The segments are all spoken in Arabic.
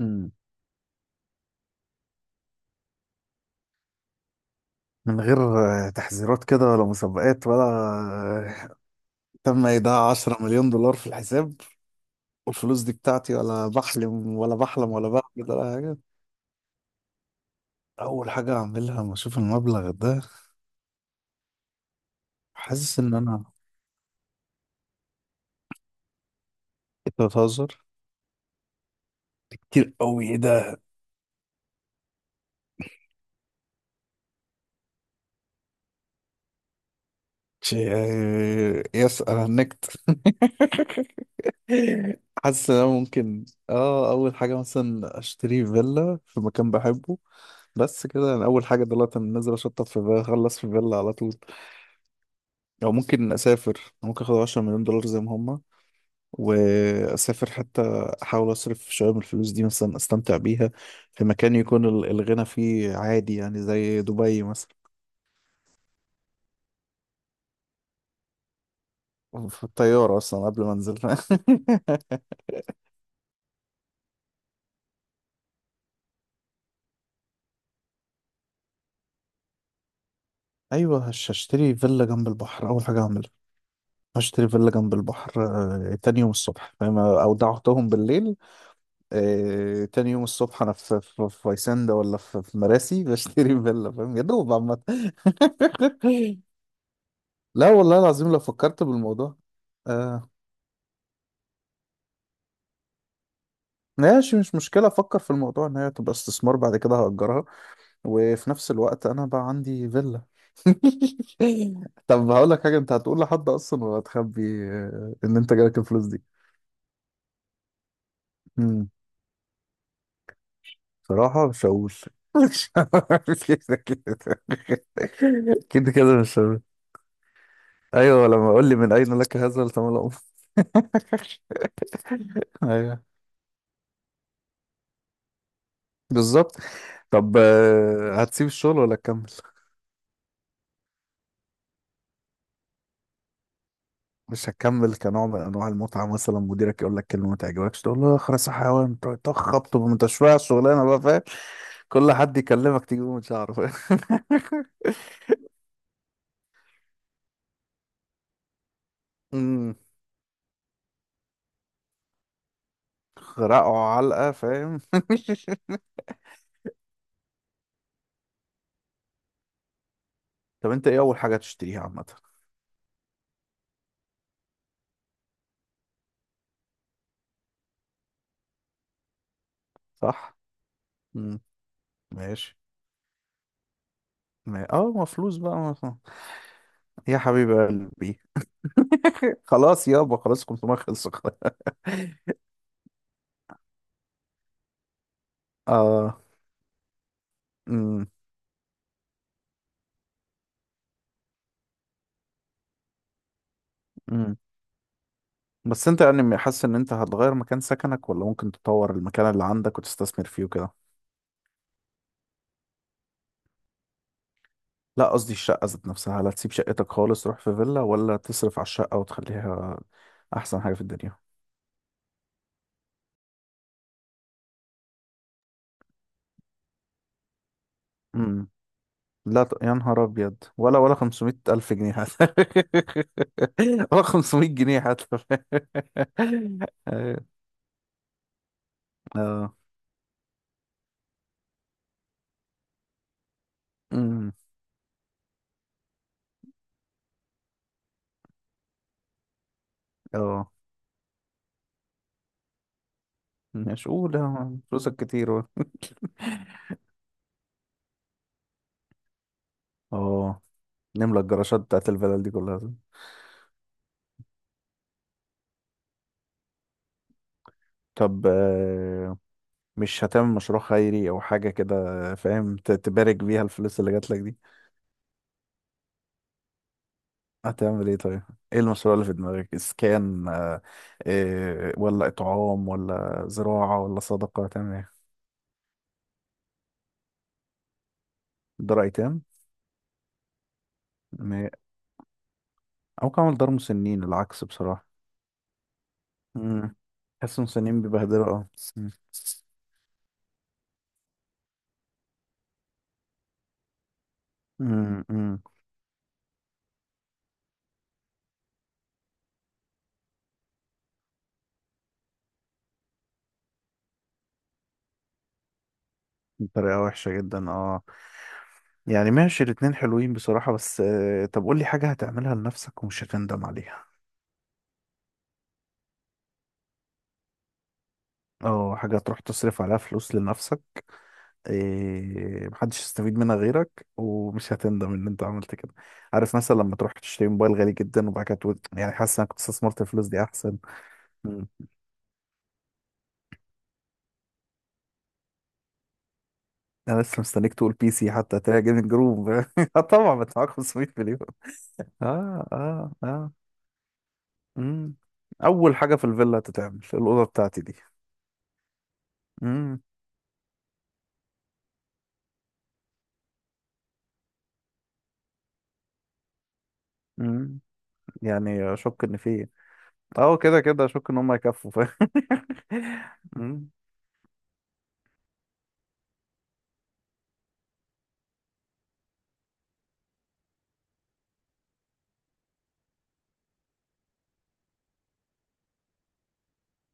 مم. من غير تحذيرات كده ولا مسابقات ولا آه، تم ايداع 10 مليون دولار في الحساب. والفلوس دي بتاعتي، ولا بحلم ولا بعمل ولا حاجه؟ اول حاجه اعملها لما اشوف المبلغ ده، حاسس ان انا، انت بتهزر؟ كتير قوي، ايه ده! يس، انا هنكت. حاسس ان انا ممكن، اول حاجه مثلا اشتري فيلا في مكان بحبه. بس كده، انا اول حاجه دلوقتي انا نازل اشطب في فيلا، اخلص في فيلا على طول. او ممكن اسافر، ممكن اخد 10 مليون دولار زي ما هما واسافر حتى، احاول اصرف شويه من الفلوس دي مثلا، استمتع بيها في مكان يكون الغنى فيه عادي، يعني زي دبي مثلا. في الطياره اصلا قبل ما انزل. ايوه، هشتري فيلا جنب البحر اول حاجه اعملها. هشتري فيلا جنب البحر. تاني يوم الصبح فاهم، اودعتهم بالليل. تاني يوم الصبح انا في فيسندا، ولا في مراسي بشتري فيلا، فاهم يا دوب عامة. لا والله العظيم، لو فكرت بالموضوع. آه ماشي، مش مشكلة. أفكر في الموضوع إن هي تبقى استثمار، بعد كده هأجرها، وفي نفس الوقت أنا بقى عندي فيلا. طب هقول لك حاجة، أنت هتقول لحد أصلا ولا هتخبي إن أنت جالك الفلوس دي؟ مم. صراحة مش هقول. مش هقول كده كده. كده كده مش هقول. أيوه، لما أقول لي من أين لك هذا التملؤ. أيوه، بالظبط. طب هتسيب الشغل ولا تكمل؟ مش هتكمل كنوع من انواع المتعه؟ مثلا مديرك يقول لك كلمه ما تعجبكش، تقول له اخرس يا حيوان، تقعد تخبط وانت شويه على الشغلانه بقى، فاهم. كل حد يكلمك تجيبه من شعره، فاهم. أمم، خرقه علقه، فاهم. طب انت ايه اول حاجه تشتريها عامه؟ صح. امم. ماشي. ما فلوس بقى. ما- يا حبيب قلبي! خلاص يابا، خلاص كنت ما خلص خلاص. اه. امم، امم. بس انت يعني حاسس ان انت هتغير مكان سكنك، ولا ممكن تطور المكان اللي عندك وتستثمر فيه وكده؟ لا، قصدي الشقة ذات نفسها. هل هتسيب شقتك خالص تروح في فيلا، ولا تصرف على الشقة وتخليها أحسن حاجة في الدنيا؟ امم. لا يا نهار أبيض، ولا 500 ألف جنيه حتى. ولا 500 جنيه حتى. أيوة. اه. امم. اه. مش أولى، فلوسك كتير. اه، نملى الجراشات بتاعت الفلل دي كلها. طب مش هتعمل مشروع خيري أو حاجة كده؟ فاهم، تبارك بيها الفلوس اللي جاتلك. هتعمل ايه طيب؟ ايه المشروع اللي في دماغك؟ اسكان، إيه، ولا اطعام، ولا زراعة، ولا صدقة؟ هتعمل ايه؟ دار ايتام؟ م- او كعمل دار مسنين، العكس بصراحة. امم. حاسس المسنين بيبهدلوا، اه. مم. امم، امم. بطريقة وحشة جدا، اه. يعني ماشي، الاتنين حلوين بصراحة، بس طب قول لي حاجة هتعملها لنفسك ومش هتندم عليها. اه، حاجة تروح تصرف عليها فلوس لنفسك، إيه، محدش يستفيد منها غيرك ومش هتندم ان انت عملت كده. عارف مثلا لما تروح تشتري موبايل غالي جدا، وبعد كده تقول، يعني حاسس انك كنت استثمرت الفلوس دي احسن. مم. انا لسه مستنيك تقول بي سي، حتى تلاقي جيمنج روم. آه طبعا، بدفعك 500 مليون. اه، اه، اه. مم. اول حاجة في الفيلا تتعمل الأوضة بتاعتي دي. مم. مم. يعني اشك ان في. اه، كده كده اشك ان هم يكفوا. فاهم،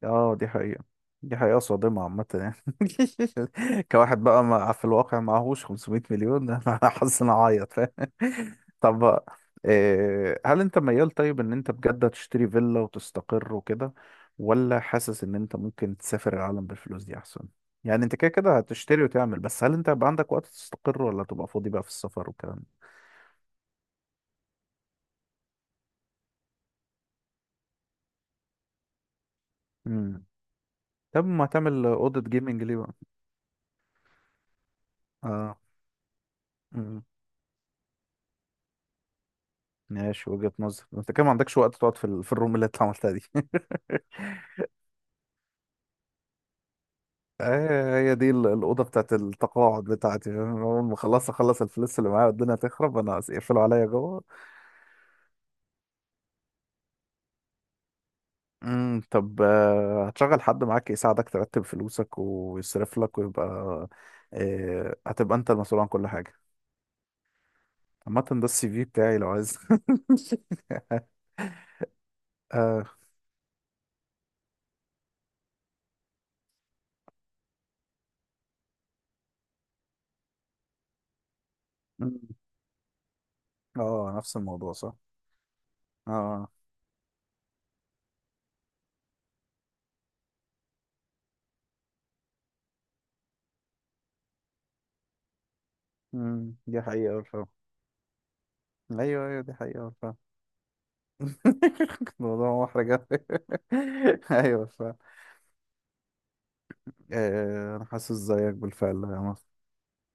اه دي حقيقة. دي حقيقة صادمة عامة يعني. كواحد بقى، ما في الواقع معهوش 500 مليون. انا حاسس ان اعيط، فاهم. طب بقى، إيه، هل انت ميال طيب ان انت بجد تشتري فيلا وتستقر وكده، ولا حاسس ان انت ممكن تسافر العالم بالفلوس دي احسن؟ يعني انت كده كده هتشتري وتعمل، بس هل انت هيبقى عندك وقت تستقر، ولا تبقى فاضي بقى في السفر والكلام ده؟ امم. طب ما تعمل اوضة جيمنج ليه بقى؟ اه، ماشي وجهة نظر. انت كده ما عندكش وقت تقعد في في الروم اللي انت عملتها دي. هي دي الأوضة بتاعت التقاعد بتاعتي، فاهم؟ أول ما أخلص، أخلص الفلوس اللي معايا، والدنيا تخرب أنا يقفلوا عليا جوه. امم. طب هتشغل حد معاك يساعدك ترتب فلوسك ويصرف لك ويبقى، هتبقى أنت المسؤول عن كل حاجة؟ عامة ده السي في بتاعي لو عايز. اه. مم. نفس الموضوع، صح. اه. دي حقيقة، فاهم. أيوه، أيوه، دي حقيقة، فاهم. الموضوع محرج أوي. ايوه فعلا. انا حاسس زيك بالفعل يا مصر.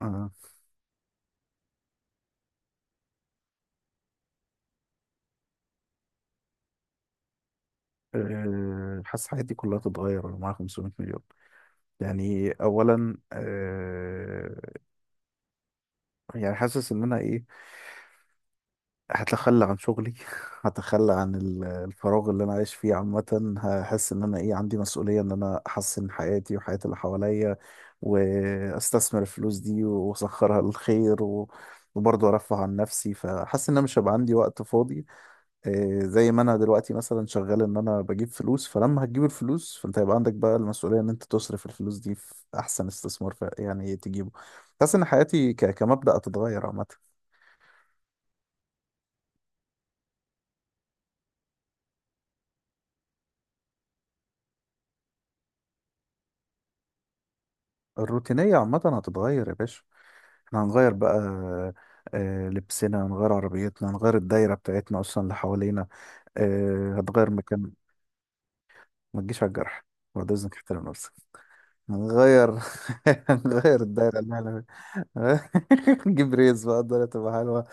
آه، حاسس حياتي كلها تتغير لو معايا 500 مليون. يعني اولا يعني حاسس ان انا ايه، هتخلى عن شغلي، هتخلى عن الفراغ اللي انا عايش فيه عامة، هحس ان انا ايه، عندي مسؤولية ان انا احسن حياتي وحياة اللي حواليا، واستثمر الفلوس دي واسخرها للخير وبرضه ارفه عن نفسي، فحاسس ان انا مش هيبقى عندي وقت فاضي. زي ما انا دلوقتي مثلا شغال ان انا بجيب فلوس، فلما هتجيب الفلوس فانت هيبقى عندك بقى المسؤولية ان انت تصرف الفلوس دي في احسن استثمار، يعني تجيبه. حاسس ان حياتي كمبدأ هتتغير عامة. الروتينية عامة هتتغير يا باشا. احنا هنغير بقى، لبسنا هنغير، عربيتنا هنغير، الدايرة بتاعتنا أصلا اللي حوالينا، هتغير مكان. ما تجيش على الجرح، بعد إذنك احترم نفسك. هنغير هنغير الدايرة اللي احنا فيها. نجيب ريز بقى، الدايرة تبقى حلوة.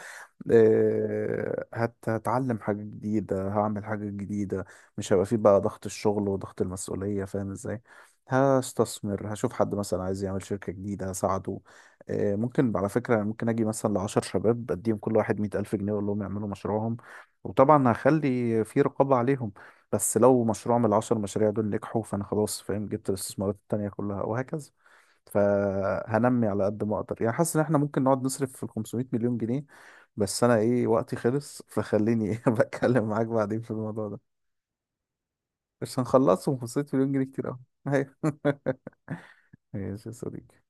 هتعلم حاجة جديدة، هعمل حاجة جديدة، مش هيبقى فيه بقى ضغط الشغل وضغط المسؤولية، فاهم ازاي. هستثمر، هشوف حد مثلا عايز يعمل شركة جديدة هساعده. ممكن على فكرة، يعني ممكن أجي مثلا ل10 شباب أديهم كل واحد 100 ألف جنيه، وأقول لهم يعملوا مشروعهم، وطبعا هخلي في رقابة عليهم. بس لو مشروع من ال10 مشاريع دول نجحوا فأنا خلاص، فاهم، جبت الاستثمارات التانية كلها وهكذا. فهنمي على قد ما أقدر، يعني حاسس إن احنا ممكن نقعد نصرف في ال 500 مليون جنيه، بس انا ايه وقتي خلص، فخليني إيه بتكلم معاك بعدين في الموضوع ده. مش هنخلصه، وخسرت مليون جنيه كتير قوي. ايوه. ماشي يا صديقي.